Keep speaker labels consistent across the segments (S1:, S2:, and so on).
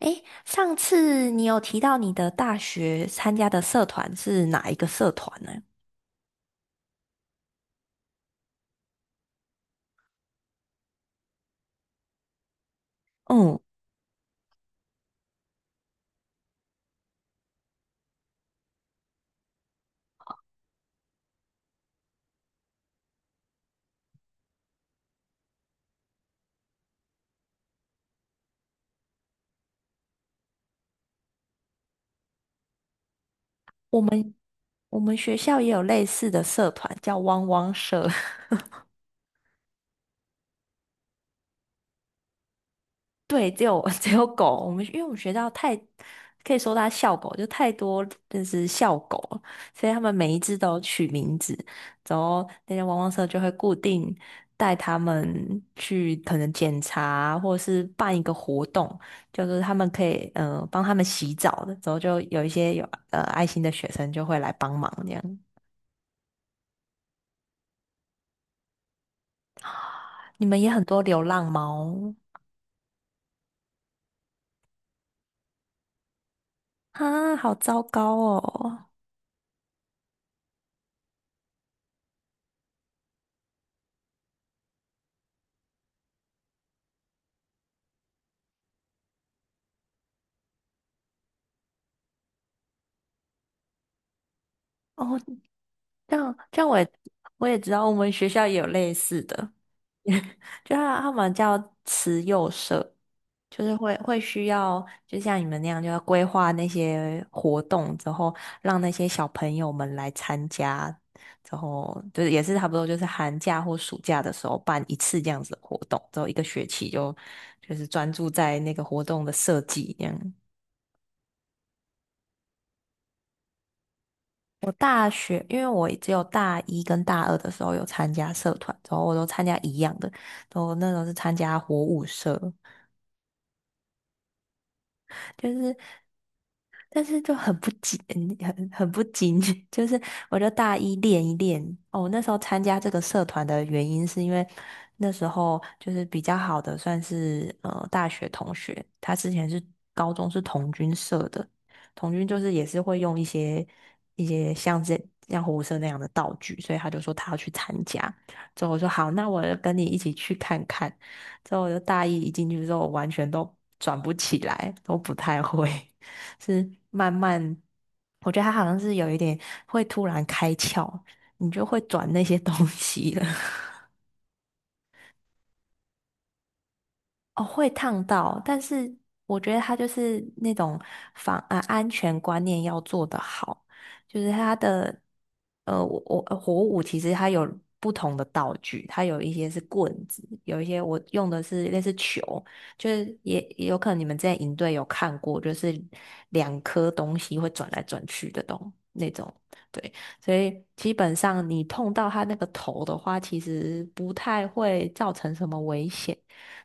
S1: 诶，上次你有提到你的大学参加的社团是哪一个社团呢？嗯。我们我们学校也有类似的社团，叫汪汪社。对，只有 只有狗。我们因为我们学校太，可以说它校狗，就太多，就是校狗了，所以他们每一只都有取名字。然后那些汪汪社就会固定带他们去可能检查或者是办一个活动，就是他们可以帮他们洗澡的，然后就有一些有爱心的学生就会来帮忙这样。你们也很多流浪猫啊。好糟糕哦！哦，这样我也知道，我们学校也有类似的。就他们叫慈幼社，就是会需要，就像你们那样，就要规划那些活动之后，让那些小朋友们来参加，之后就是也是差不多，就是寒假或暑假的时候办一次这样子的活动，之后一个学期就是专注在那个活动的设计这样。我大学，因为我只有大一跟大二的时候有参加社团，然后我都参加一样的，然后那时候是参加活舞社，就是。但是就很不紧，很不紧，就是我就大一练一练。哦，那时候参加这个社团的原因是因为那时候就是比较好的，算是大学同学，他之前是高中是童军社的。童军就是也是会用一些像火舞社那样的道具，所以他就说他要去参加。之后我说好，那我就跟你一起去看看。之后我就大一一进去之后，我完全都转不起来，都不太会。是慢慢，我觉得他好像是有一点会突然开窍，你就会转那些东西了。哦，会烫到，但是我觉得他就是那种安全观念要做得好，就是他的呃，我我呃火舞其实它有不同的道具。它有一些是棍子，有一些我用的是类似球，就是也有可能你们之前营队有看过，就是两颗东西会转来转去的那种。对，所以基本上你碰到他那个头的话，其实不太会造成什么危险。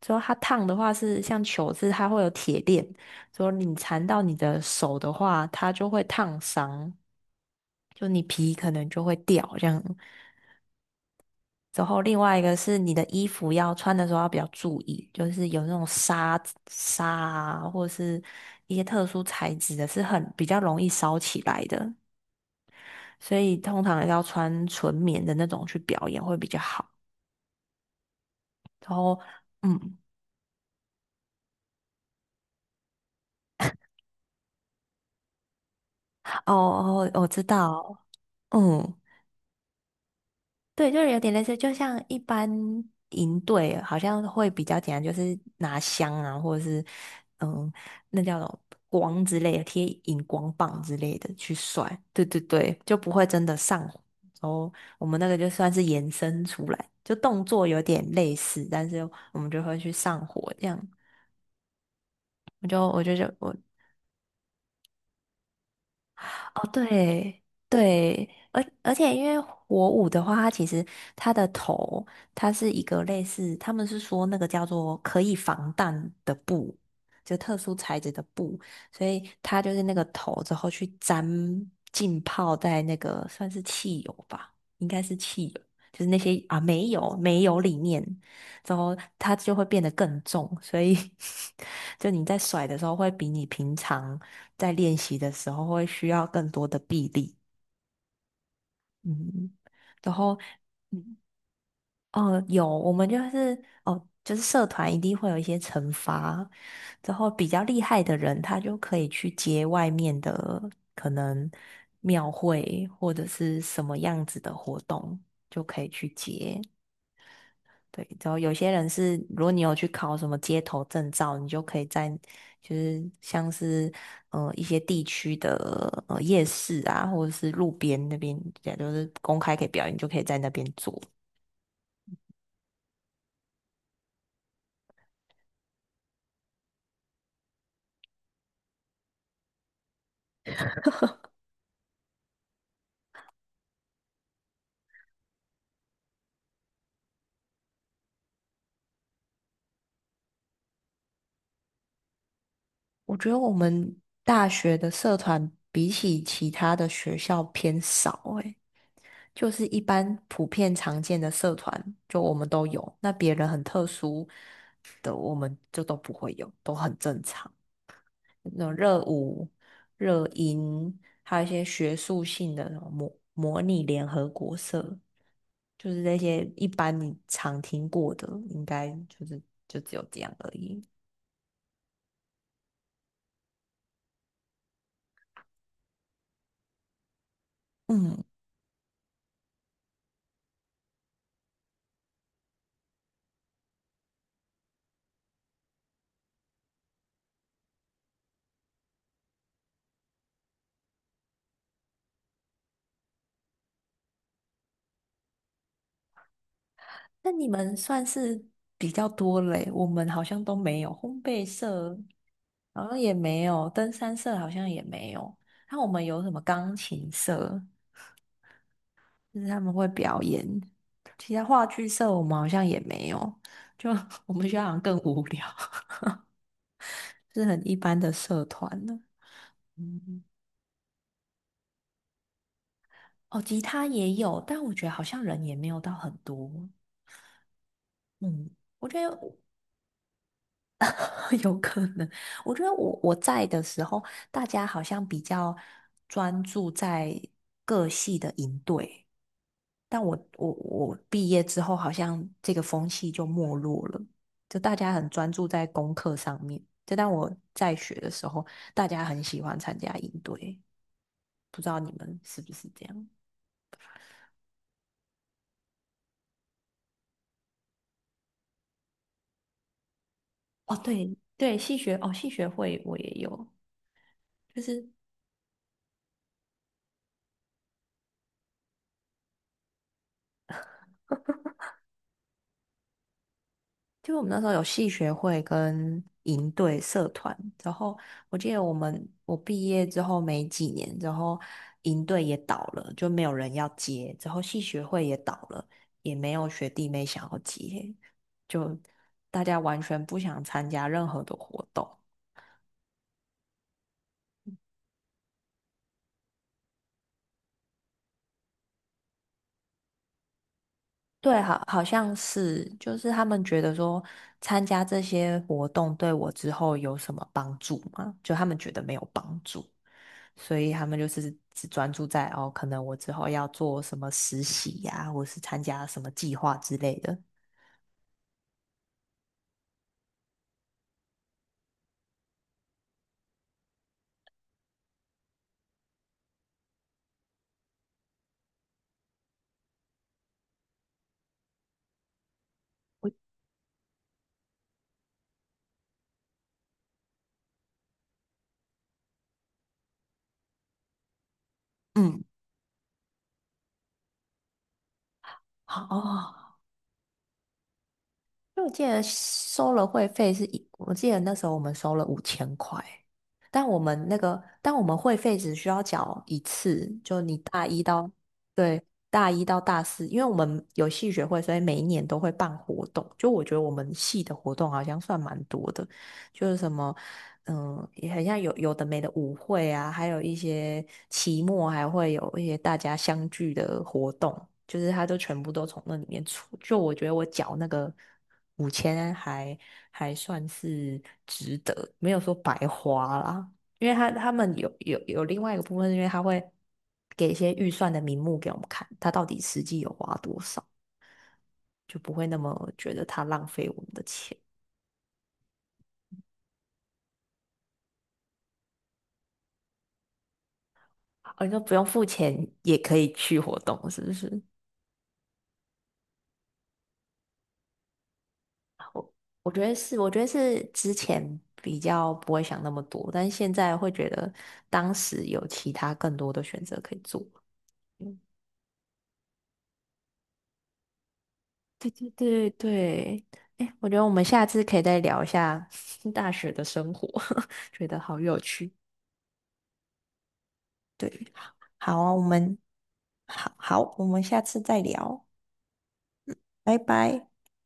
S1: 之后它烫的话是像球子，它会有铁链，之后你缠到你的手的话，它就会烫伤，就你皮可能就会掉这样。之后另外一个是你的衣服要穿的时候要比较注意，就是有那种纱啊，或者是一些特殊材质的，是很比较容易烧起来的，所以通常要穿纯棉的那种去表演会比较好。然后。嗯。哦哦，我知道。嗯。对，就是有点类似，就像一般营队好像会比较简单，就是拿香啊，或者是嗯，那叫什么光之类的，贴荧光棒之类的去甩。对对对，就不会真的上火。然后我们那个就算是延伸出来，就动作有点类似，但是我们就会去上火这样。我就我就就我哦，对对。而且因为火舞的话，它其实它的头，它是一个类似，他们是说那个叫做可以防弹的布，就特殊材质的布，所以它就是那个头之后去沾浸泡在那个算是汽油吧，应该是汽油，就是那些啊煤油里面，之后它就会变得更重，所以 就你在甩的时候会比你平常。在练习的时候会需要更多的臂力。嗯。然后，嗯，哦，有，我们就是哦，就是社团一定会有一些惩罚。然后比较厉害的人，他就可以去接外面的可能庙会或者是什么样子的活动，就可以去接。对，然后有些人是，如果你有去考什么街头证照，你就可以在就是像是一些地区的夜市啊，或者是路边那边，也就是公开可以表演，你就可以在那边做。我觉得我们大学的社团比起其他的学校偏少诶，就是一般普遍常见的社团，就我们都有，那别人很特殊的我们就都不会有，都很正常。那种热舞、热音，还有一些学术性的那种模拟联合国社，就是那些一般你常听过的，应该就只有这样而已。嗯，那你们算是比较多嘞，我们好像都没有烘焙社，好像也没有登山社，好像也没有。那我们有什么钢琴社？就是他们会表演。其他话剧社我们好像也没有，就 我们学校好像更无聊，是很一般的社团呢。嗯。哦，吉他也有，但我觉得好像人也没有到很多。嗯，我觉得我 有可能，我觉得我在的时候，大家好像比较专注在各系的营队。但我毕业之后，好像这个风气就没落了，就大家很专注在功课上面。就当我在学的时候，大家很喜欢参加营队，不知道你们是不是这样？哦，对对，戏学会我也有，就是就我们那时候有系学会跟营队社团，然后我记得我毕业之后没几年，然后营队也倒了，就没有人要接，之后系学会也倒了，也没有学弟妹想要接，就大家完全不想参加任何的活动。对，好，好像是，就是他们觉得说参加这些活动对我之后有什么帮助吗？就他们觉得没有帮助，所以他们就是只专注在可能我之后要做什么实习呀、或是参加什么计划之类的。嗯，好哦，因为我记得收了会费我记得那时候我们收了5000块，但我们会费只需要缴一次。就你大一到，对，大一到大四，因为我们有系学会，所以每一年都会办活动。就我觉得我们系的活动好像算蛮多的，就是什么也很像有的没的舞会啊，还有一些期末还会有一些大家相聚的活动，就是他都全部都从那里面出。就我觉得我缴那个五千还算是值得，没有说白花啦。因为他们有另外一个部分，因为他会给一些预算的名目给我们看，他到底实际有花多少，就不会那么觉得他浪费我们的钱。哦，你说不用付钱也可以去活动，是不是？我觉得是，我觉得是之前比较不会想那么多，但是现在会觉得当时有其他更多的选择可以做。嗯，对对对对。哎，我觉得我们下次可以再聊一下 大学的生活，觉得好有趣。对，好啊，好好，我们下次再聊，拜拜。